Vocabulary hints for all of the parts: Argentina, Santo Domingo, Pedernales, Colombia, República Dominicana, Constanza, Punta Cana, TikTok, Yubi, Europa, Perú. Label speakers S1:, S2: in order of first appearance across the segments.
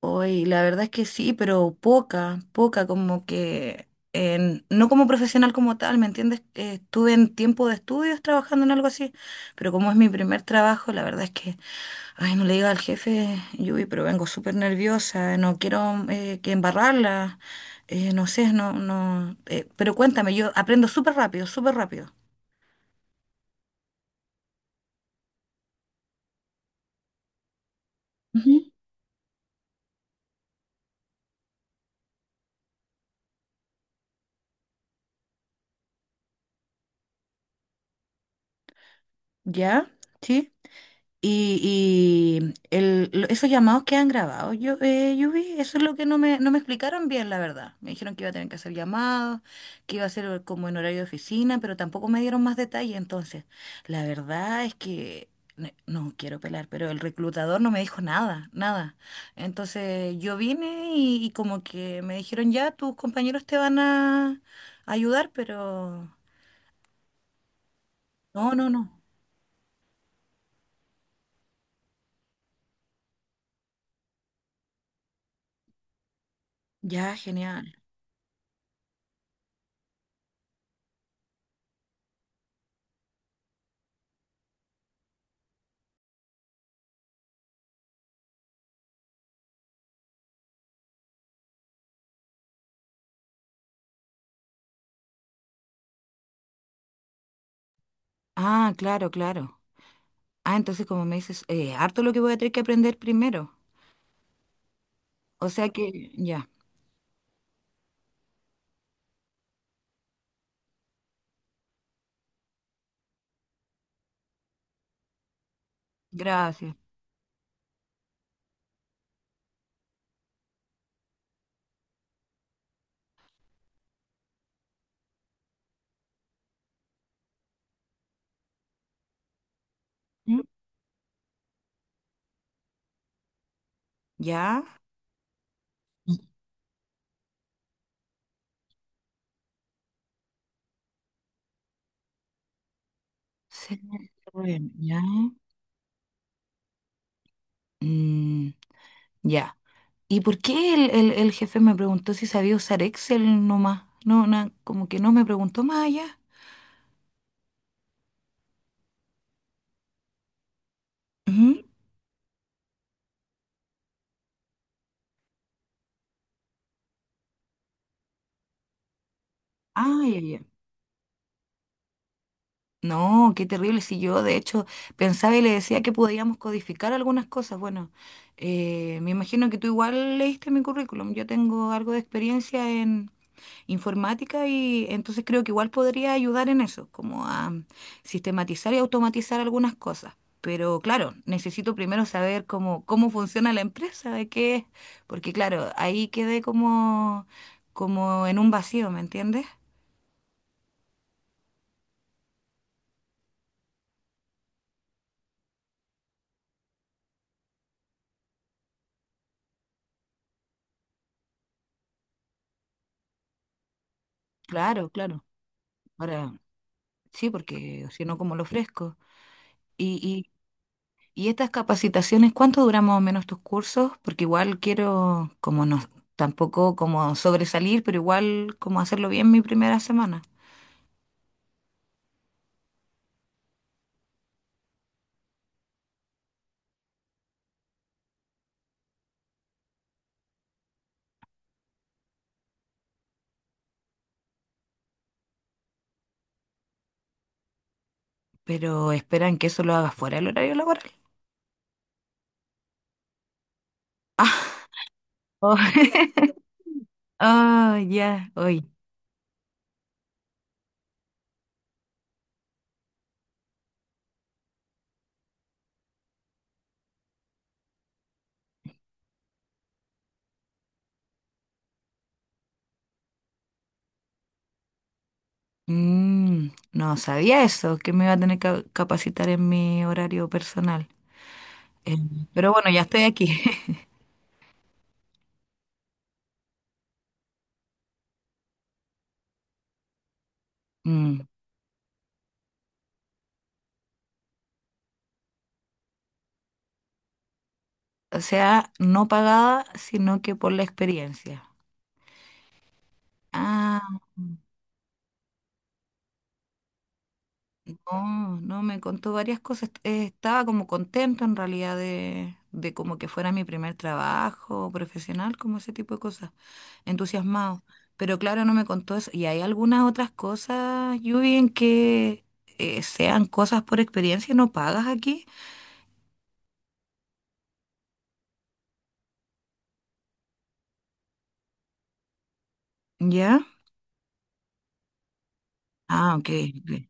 S1: Hoy, la verdad es que sí, pero poca, poca, como que no como profesional como tal, ¿me entiendes? Estuve en tiempo de estudios trabajando en algo así, pero como es mi primer trabajo, la verdad es que, ay, no le diga al jefe, Yubi, pero vengo súper nerviosa, no quiero que embarrarla, no sé, no, no, pero cuéntame, yo aprendo súper rápido, súper rápido. Ujú. ¿Ya? ¿Sí? Y, esos llamados que han grabado, yo vi, eso es lo que no me explicaron bien, la verdad. Me dijeron que iba a tener que hacer llamados, que iba a ser como en horario de oficina, pero tampoco me dieron más detalle. Entonces, la verdad es que, no quiero pelar, pero el reclutador no me dijo nada, nada. Entonces, yo vine y como que me dijeron, ya, tus compañeros te van a ayudar, pero... No, no, no. Ya, genial. Ah, claro, claro. Ah, entonces como me dices, harto lo que voy a tener que aprender primero. O sea que, ya, gracias. ¿Mm? ¿Ya? Sí, bueno, ¿ya? Mm, ya. ¿Y por qué el jefe me preguntó si sabía usar Excel nomás? No, como que no me preguntó más allá. Ujú. Ah, ya, ya. No, qué terrible. Si yo, de hecho, pensaba y le decía que podíamos codificar algunas cosas. Bueno, me imagino que tú igual leíste mi currículum. Yo tengo algo de experiencia en informática y entonces creo que igual podría ayudar en eso, como a sistematizar y automatizar algunas cosas. Pero claro, necesito primero saber cómo funciona la empresa, de qué es, porque claro, ahí quedé como, como en un vacío, ¿me entiendes? Claro, claro. Ahora, sí, porque si no, ¿cómo lo ofrezco? Y, y, y estas capacitaciones, ¿cuánto duran más o menos tus cursos? Porque igual quiero, como no, tampoco como sobresalir, pero igual como hacerlo bien mi primera semana. Pero esperan que eso lo haga fuera del horario laboral. Ah, oh, oh, ya, hoy. Mm, no sabía eso, que me iba a tener que capacitar en mi horario personal. Eh, pero bueno, ya estoy aquí. Mm, o sea, no pagada, sino que por la experiencia. Ah, no, no, me contó varias cosas. Estaba como contento en realidad de como que fuera mi primer trabajo profesional, como ese tipo de cosas. Entusiasmado. Pero claro, no me contó eso. Y hay algunas otras cosas, Yubi, en que sean cosas por experiencia y no pagas aquí. ¿Ya? Ah, ok. Ok.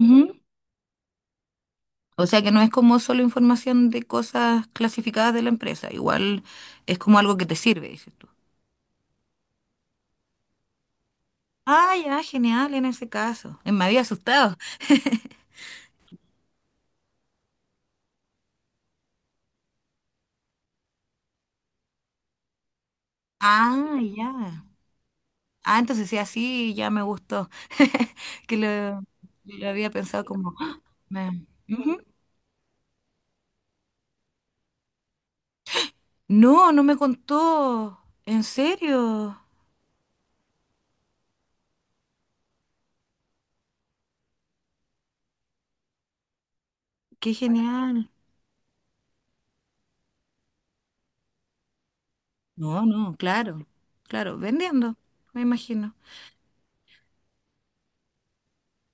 S1: Ujú. O sea que no es como solo información de cosas clasificadas de la empresa. Igual es como algo que te sirve, dices tú. Ah, ya, genial en ese caso. Me había asustado. Ah, ya. Ah, entonces sí, así ya me gustó. Que lo había pensado como... ¡ah! Me... Ujú. No, no me contó. ¿En serio? Qué genial. No, no, claro, claro, vendiendo, me imagino.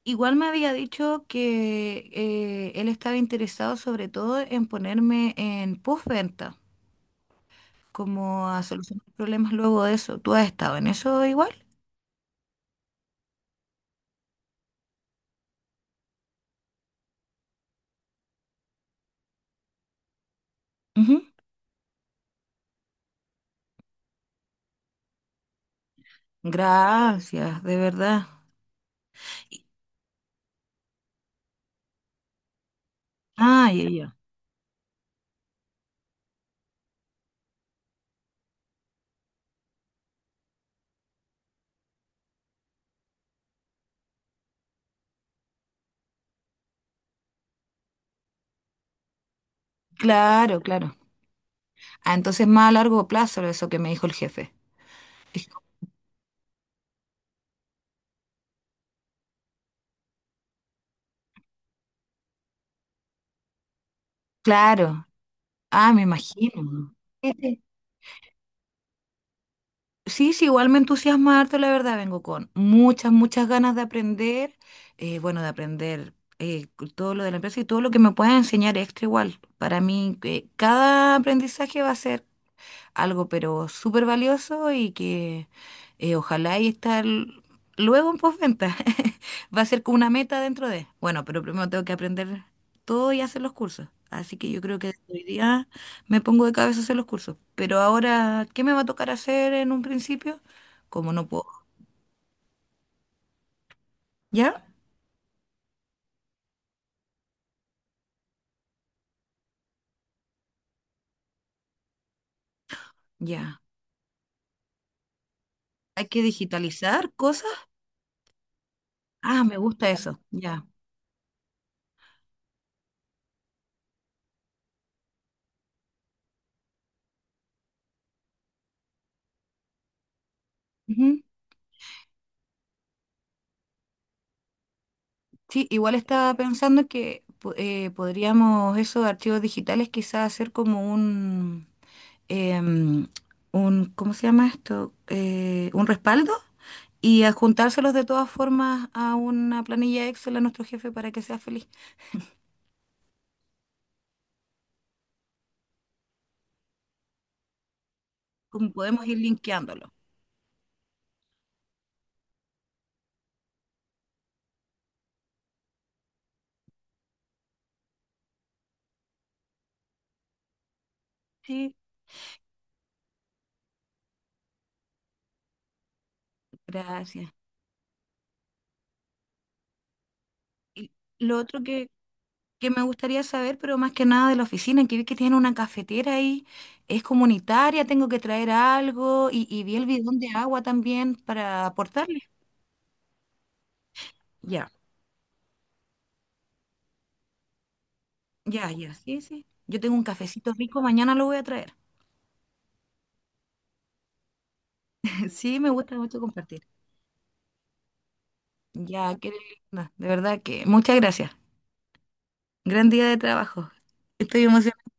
S1: Igual me había dicho que él estaba interesado sobre todo en ponerme en postventa, como a solucionar problemas luego de eso. ¿Tú has estado en eso igual? Ujú. Gracias, de verdad. Y- Ah, ya, ya. Claro, claro. Ah, entonces más a largo plazo eso que me dijo el jefe. Dije, claro, ah, me imagino. Sí, sí, sí, sí, igual me entusiasma harto, la verdad, vengo con muchas, muchas ganas de aprender, bueno, de aprender eh, todo lo de la empresa y todo lo que me puedan enseñar extra igual. Para mí, cada aprendizaje va a ser algo pero súper valioso y que ojalá y estar luego en postventa. Va a ser como una meta dentro de. Bueno, pero primero tengo que aprender todo y hacer los cursos. Así que yo creo que desde hoy día me pongo de cabeza a hacer los cursos. Pero ahora, ¿qué me va a tocar hacer en un principio? Como no puedo. ¿Ya? Ya. Hay que digitalizar cosas. Ah, me gusta eso. Ya. Ujú. Sí, igual estaba pensando que podríamos esos archivos digitales quizás hacer como un, em, un, ¿cómo se llama esto? Un respaldo y adjuntárselos de todas formas a una planilla Excel a nuestro jefe para que sea feliz. Como podemos ir linkeándolo. Sí, gracias. Y lo otro que me gustaría saber, pero más que nada de la oficina, que vi que tienen una cafetera ahí, es comunitaria, tengo que traer algo y vi el bidón de agua también para aportarle. Ya, ya, ya, sí, sí. Yo tengo un cafecito rico, mañana lo voy a traer. Sí, me gusta mucho compartir. Ya, qué linda, de verdad que muchas gracias. Gran día de trabajo. Estoy emocionada.